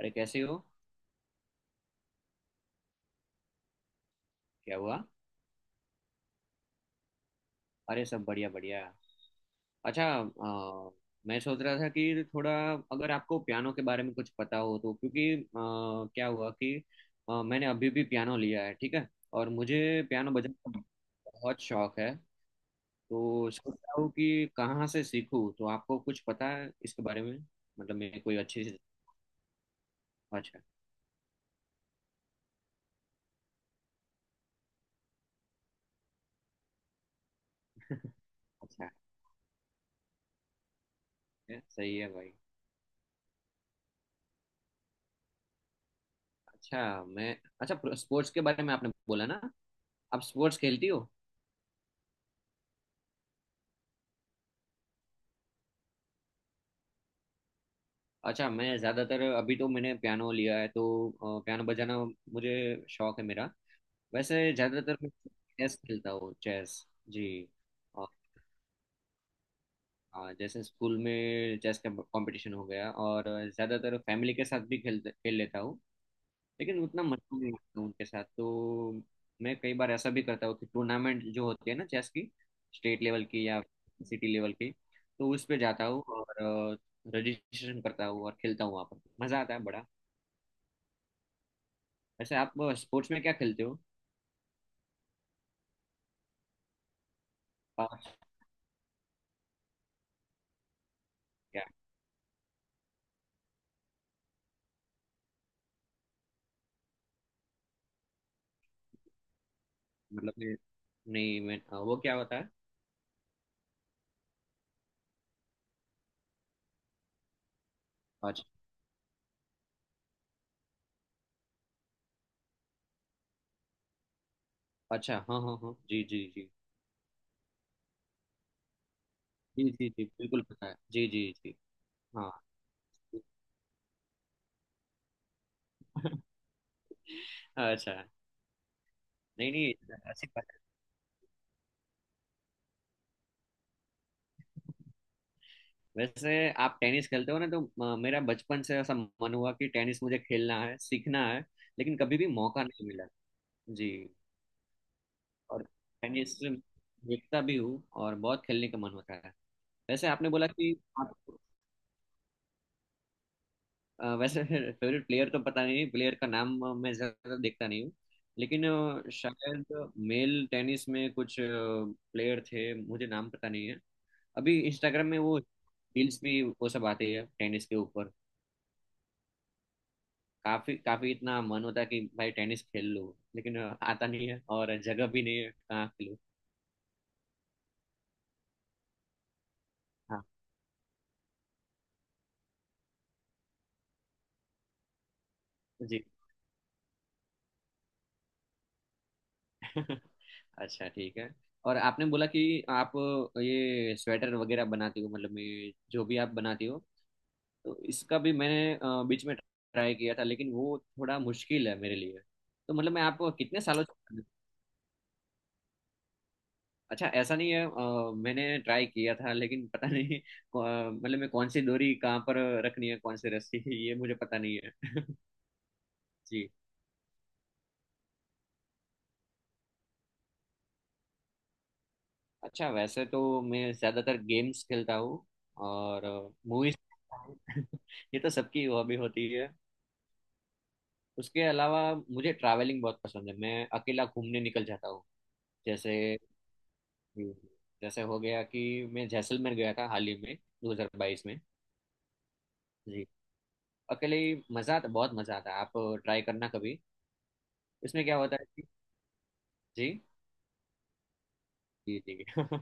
अरे, कैसे हो? क्या हुआ? अरे, सब बढ़िया बढ़िया। अच्छा, मैं सोच रहा था कि थोड़ा, अगर आपको पियानो के बारे में कुछ पता हो, तो क्योंकि क्या हुआ कि मैंने अभी भी पियानो लिया है, ठीक है, और मुझे पियानो बजाने का बहुत शौक है। तो सोच रहा हूँ कि कहाँ से सीखूँ, तो आपको कुछ पता है इसके बारे में? मतलब मैं कोई अच्छी सी। अच्छा। अच्छा है, सही है भाई। अच्छा, मैं। अच्छा, स्पोर्ट्स के बारे में आपने बोला ना, आप स्पोर्ट्स खेलती हो? अच्छा, मैं ज़्यादातर अभी तो मैंने पियानो लिया है, तो पियानो बजाना मुझे शौक है मेरा। वैसे ज़्यादातर मैं चेस खेलता हूँ, चेस। जी। और हाँ, जैसे स्कूल में चेस का कंपटीशन हो गया, और ज़्यादातर फैमिली के साथ भी खेल खेल लेता हूँ, लेकिन उतना मजा नहीं आता उनके साथ। तो मैं कई बार ऐसा भी करता हूँ कि टूर्नामेंट जो होती है ना चेस की, स्टेट लेवल की या सिटी लेवल की, तो उस पे जाता हूँ और रजिस्ट्रेशन करता हूँ और खेलता हूँ, वहाँ पर मज़ा आता है बड़ा। वैसे आप स्पोर्ट्स में क्या खेलते हो? पाँच। क्या? मतलब मैं, नहीं मैं, हाँ, वो क्या होता है? पाँच। अच्छा, हाँ हाँ हाँ, जी जी जी, जी जी जी, बिल्कुल पता है, जी जी जी। हाँ। अच्छा। नहीं नहीं, अच्छी बात है। वैसे आप टेनिस खेलते हो ना, तो मेरा बचपन से ऐसा मन हुआ कि टेनिस मुझे खेलना है, सीखना है, लेकिन कभी भी मौका नहीं मिला। जी। और टेनिस देखता भी हूँ और बहुत खेलने का मन होता है। वैसे आपने बोला कि आप, वैसे फेवरेट प्लेयर तो पता नहीं, प्लेयर का नाम मैं ज्यादा देखता नहीं हूँ, लेकिन शायद मेल टेनिस में कुछ प्लेयर थे, मुझे नाम पता नहीं है। अभी इंस्टाग्राम में वो रील्स भी वो सब आते हैं टेनिस के ऊपर। काफी काफी इतना मन होता है कि भाई टेनिस खेल लो, लेकिन आता नहीं है और जगह भी नहीं है, कहाँ खेलूँ। हाँ, जी। अच्छा ठीक है। और आपने बोला कि आप ये स्वेटर वगैरह बनाती हो, मतलब ये जो भी आप बनाती हो, तो इसका भी मैंने बीच में ट्राई किया था, लेकिन वो थोड़ा मुश्किल है मेरे लिए। तो मतलब मैं आपको कितने सालों से। अच्छा, ऐसा नहीं है, मैंने ट्राई किया था, लेकिन पता नहीं, मतलब मैं कौन सी डोरी कहाँ पर रखनी है, कौन सी रस्सी ये मुझे पता नहीं है। जी। अच्छा, वैसे तो मैं ज़्यादातर गेम्स खेलता हूँ और मूवीज देखता हूँ। ये तो सबकी हॉबी होती है। उसके अलावा मुझे ट्रैवलिंग बहुत पसंद है, मैं अकेला घूमने निकल जाता हूँ। जैसे। जी। जैसे हो गया कि मैं जैसलमेर गया था हाल ही में, 2022 में। जी। अकेले ही। मजा आता, बहुत मजा आता है। आप ट्राई करना कभी। इसमें क्या होता है कि, जी जी जी।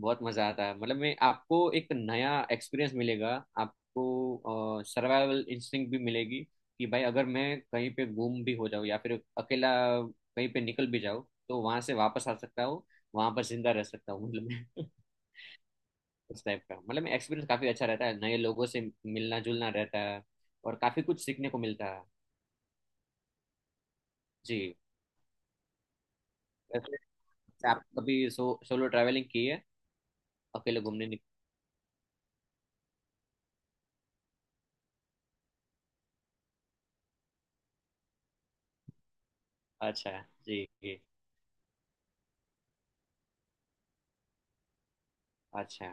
बहुत मजा आता है, मतलब मैं आपको, एक नया एक्सपीरियंस मिलेगा। आपको सर्वाइवल इंस्टिंक्ट भी मिलेगी कि भाई अगर मैं कहीं पे गुम भी हो जाऊँ या फिर अकेला कहीं पे निकल भी जाऊँ, तो वहां से वापस आ सकता हूँ, वहां पर जिंदा रह सकता हूँ, मतलब मैं। उस टाइप का मतलब एक्सपीरियंस काफी अच्छा रहता है, नए लोगों से मिलना जुलना रहता है, और काफी कुछ सीखने को मिलता है। जी। वैसे आप कभी सोलो ट्रैवलिंग की है? अकेले घूमने निक... अच्छा, जी जी। अच्छा,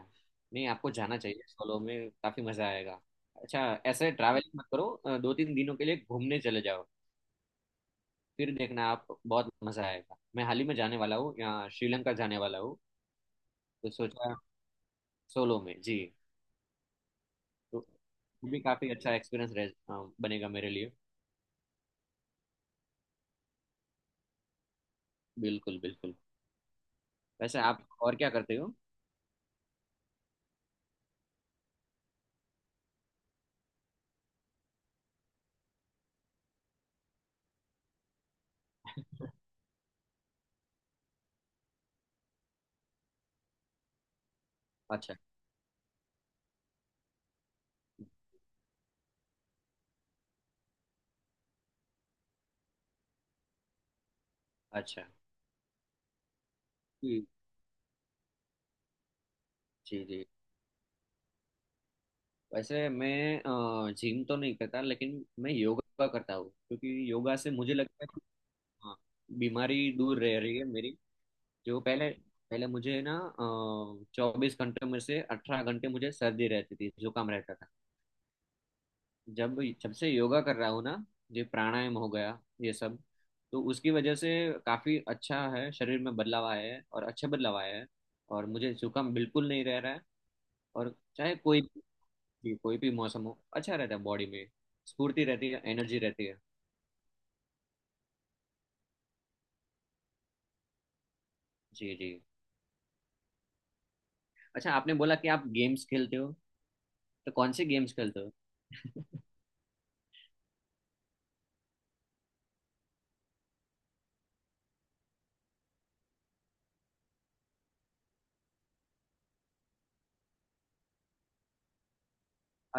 नहीं आपको जाना चाहिए सोलो में, काफी मजा आएगा। अच्छा, ऐसे ट्रैवलिंग मत करो, दो तीन दिनों के लिए घूमने चले जाओ, फिर देखना आप, बहुत मजा आएगा। मैं हाल ही में जाने वाला हूँ, यहाँ श्रीलंका जाने वाला हूँ, तो सोचा सोलो में। जी। तो वो भी काफी अच्छा एक्सपीरियंस रह, बनेगा मेरे लिए। बिल्कुल बिल्कुल। वैसे आप और क्या करते हो? अच्छा अच्छा। जी जी जी। वैसे मैं जिम तो नहीं करता, लेकिन मैं योगा करता हूँ, क्योंकि योगा से मुझे लगता है कि, हाँ, बीमारी दूर रह रही है मेरी, जो पहले पहले मुझे ना 24 घंटे में से 18 घंटे मुझे सर्दी रहती थी, जुकाम रहता था। जब जब से योगा कर रहा हूँ ना, ये प्राणायाम हो गया ये सब, तो उसकी वजह से काफी अच्छा है, शरीर में बदलाव आया है और अच्छे बदलाव आया है, और मुझे जुकाम बिल्कुल नहीं रह रहा है, और चाहे कोई भी मौसम हो, अच्छा रहता है बॉडी में, स्फूर्ति रहती है, एनर्जी रहती है। जी जी। अच्छा, आपने बोला कि आप गेम्स खेलते हो, तो कौन से गेम्स खेलते हो?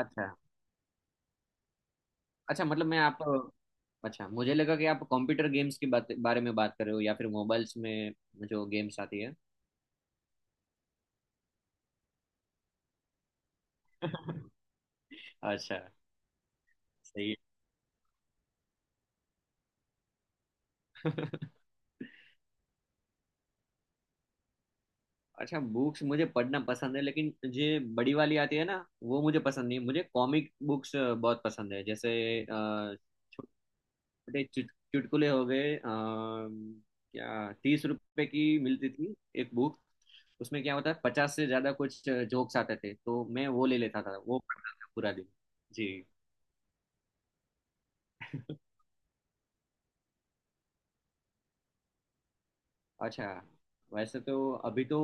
अच्छा अच्छा, मतलब मैं आप, अच्छा मुझे लगा कि आप कंप्यूटर गेम्स के बारे में बात कर रहे हो, या फिर मोबाइल्स में जो गेम्स आती है। अच्छा, सही है। अच्छा, बुक्स मुझे पढ़ना पसंद है, लेकिन ये बड़ी वाली आती है ना, वो मुझे पसंद नहीं है। मुझे कॉमिक बुक्स बहुत पसंद है, जैसे छोटे छोटे चुटकुले हो गए, क्या 30 रुपए की मिलती थी एक बुक, उसमें क्या होता है 50 से ज्यादा कुछ जोक्स आते थे, तो मैं वो ले लेता था, वो पढ़ता था पूरा दिन। जी। अच्छा, वैसे तो अभी तो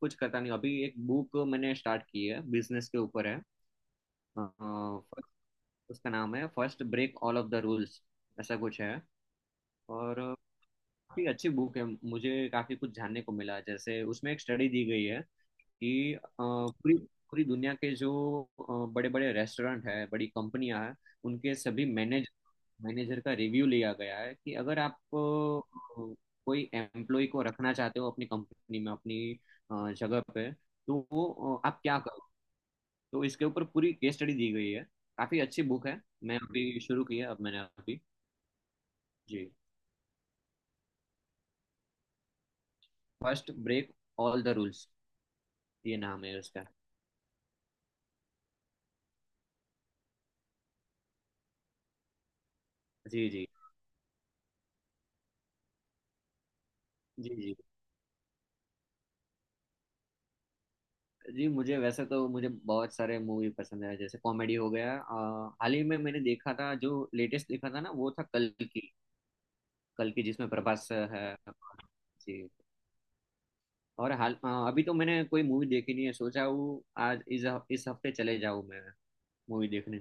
कुछ करता नहीं, अभी एक बुक मैंने स्टार्ट की है बिजनेस के ऊपर है, उसका नाम है first break all of the rules, ऐसा कुछ है। और काफी अच्छी बुक है, मुझे काफी कुछ जानने को मिला, जैसे उसमें एक स्टडी दी गई है कि पूरी पूरी दुनिया के जो बड़े बड़े रेस्टोरेंट है, बड़ी कंपनियां हैं, उनके सभी मैनेज, मैनेजर का रिव्यू लिया गया है, कि अगर आप कोई एम्प्लॉय को रखना चाहते हो अपनी कंपनी में, अपनी जगह पे, तो वो आप क्या करो, तो इसके ऊपर पूरी केस स्टडी दी गई है, काफी अच्छी बुक है। मैं अभी शुरू की है, अब मैंने अभी। जी। First break all the rules, ये नाम है उसका। जी जी जी जी। जी, मुझे वैसे तो मुझे बहुत सारे मूवी पसंद है, जैसे कॉमेडी हो गया, हाल ही में मैंने देखा था जो लेटेस्ट देखा था ना, वो था कल की, कल की जिसमें प्रभास है। जी। और हाल अभी तो मैंने कोई मूवी देखी नहीं है, सोचा हूँ आज इस हफ्ते चले जाऊँ मैं मूवी देखने।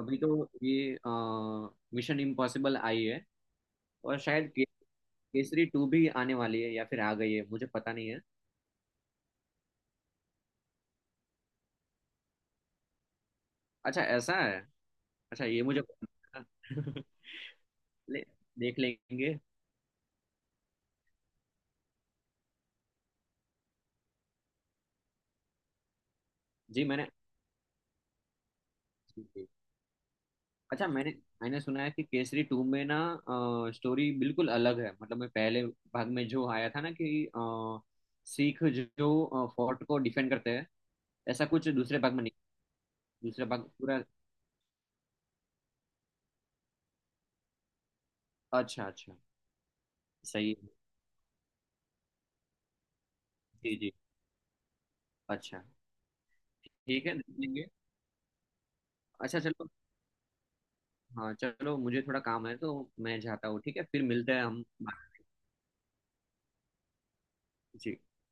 अभी तो ये मिशन इम्पॉसिबल आई है, और शायद केसरी टू भी आने वाली है या फिर आ गई है, मुझे पता नहीं है। अच्छा, ऐसा है? अच्छा, ये मुझे पता नहीं था। ले, देख लेंगे। जी, मैंने अच्छा मैंने मैंने सुना है कि केसरी टू में ना स्टोरी बिल्कुल अलग है, मतलब मैं पहले भाग में जो आया था ना कि सिख जो फोर्ट को डिफेंड करते हैं, ऐसा कुछ दूसरे भाग में नहीं, दूसरा भाग पूरा। अच्छा अच्छा, सही है, जी जी। अच्छा ठीक है, देखेंगे। अच्छा चलो, हाँ चलो, मुझे थोड़ा काम है तो मैं जाता हूँ, ठीक है फिर मिलते हैं हम। जी।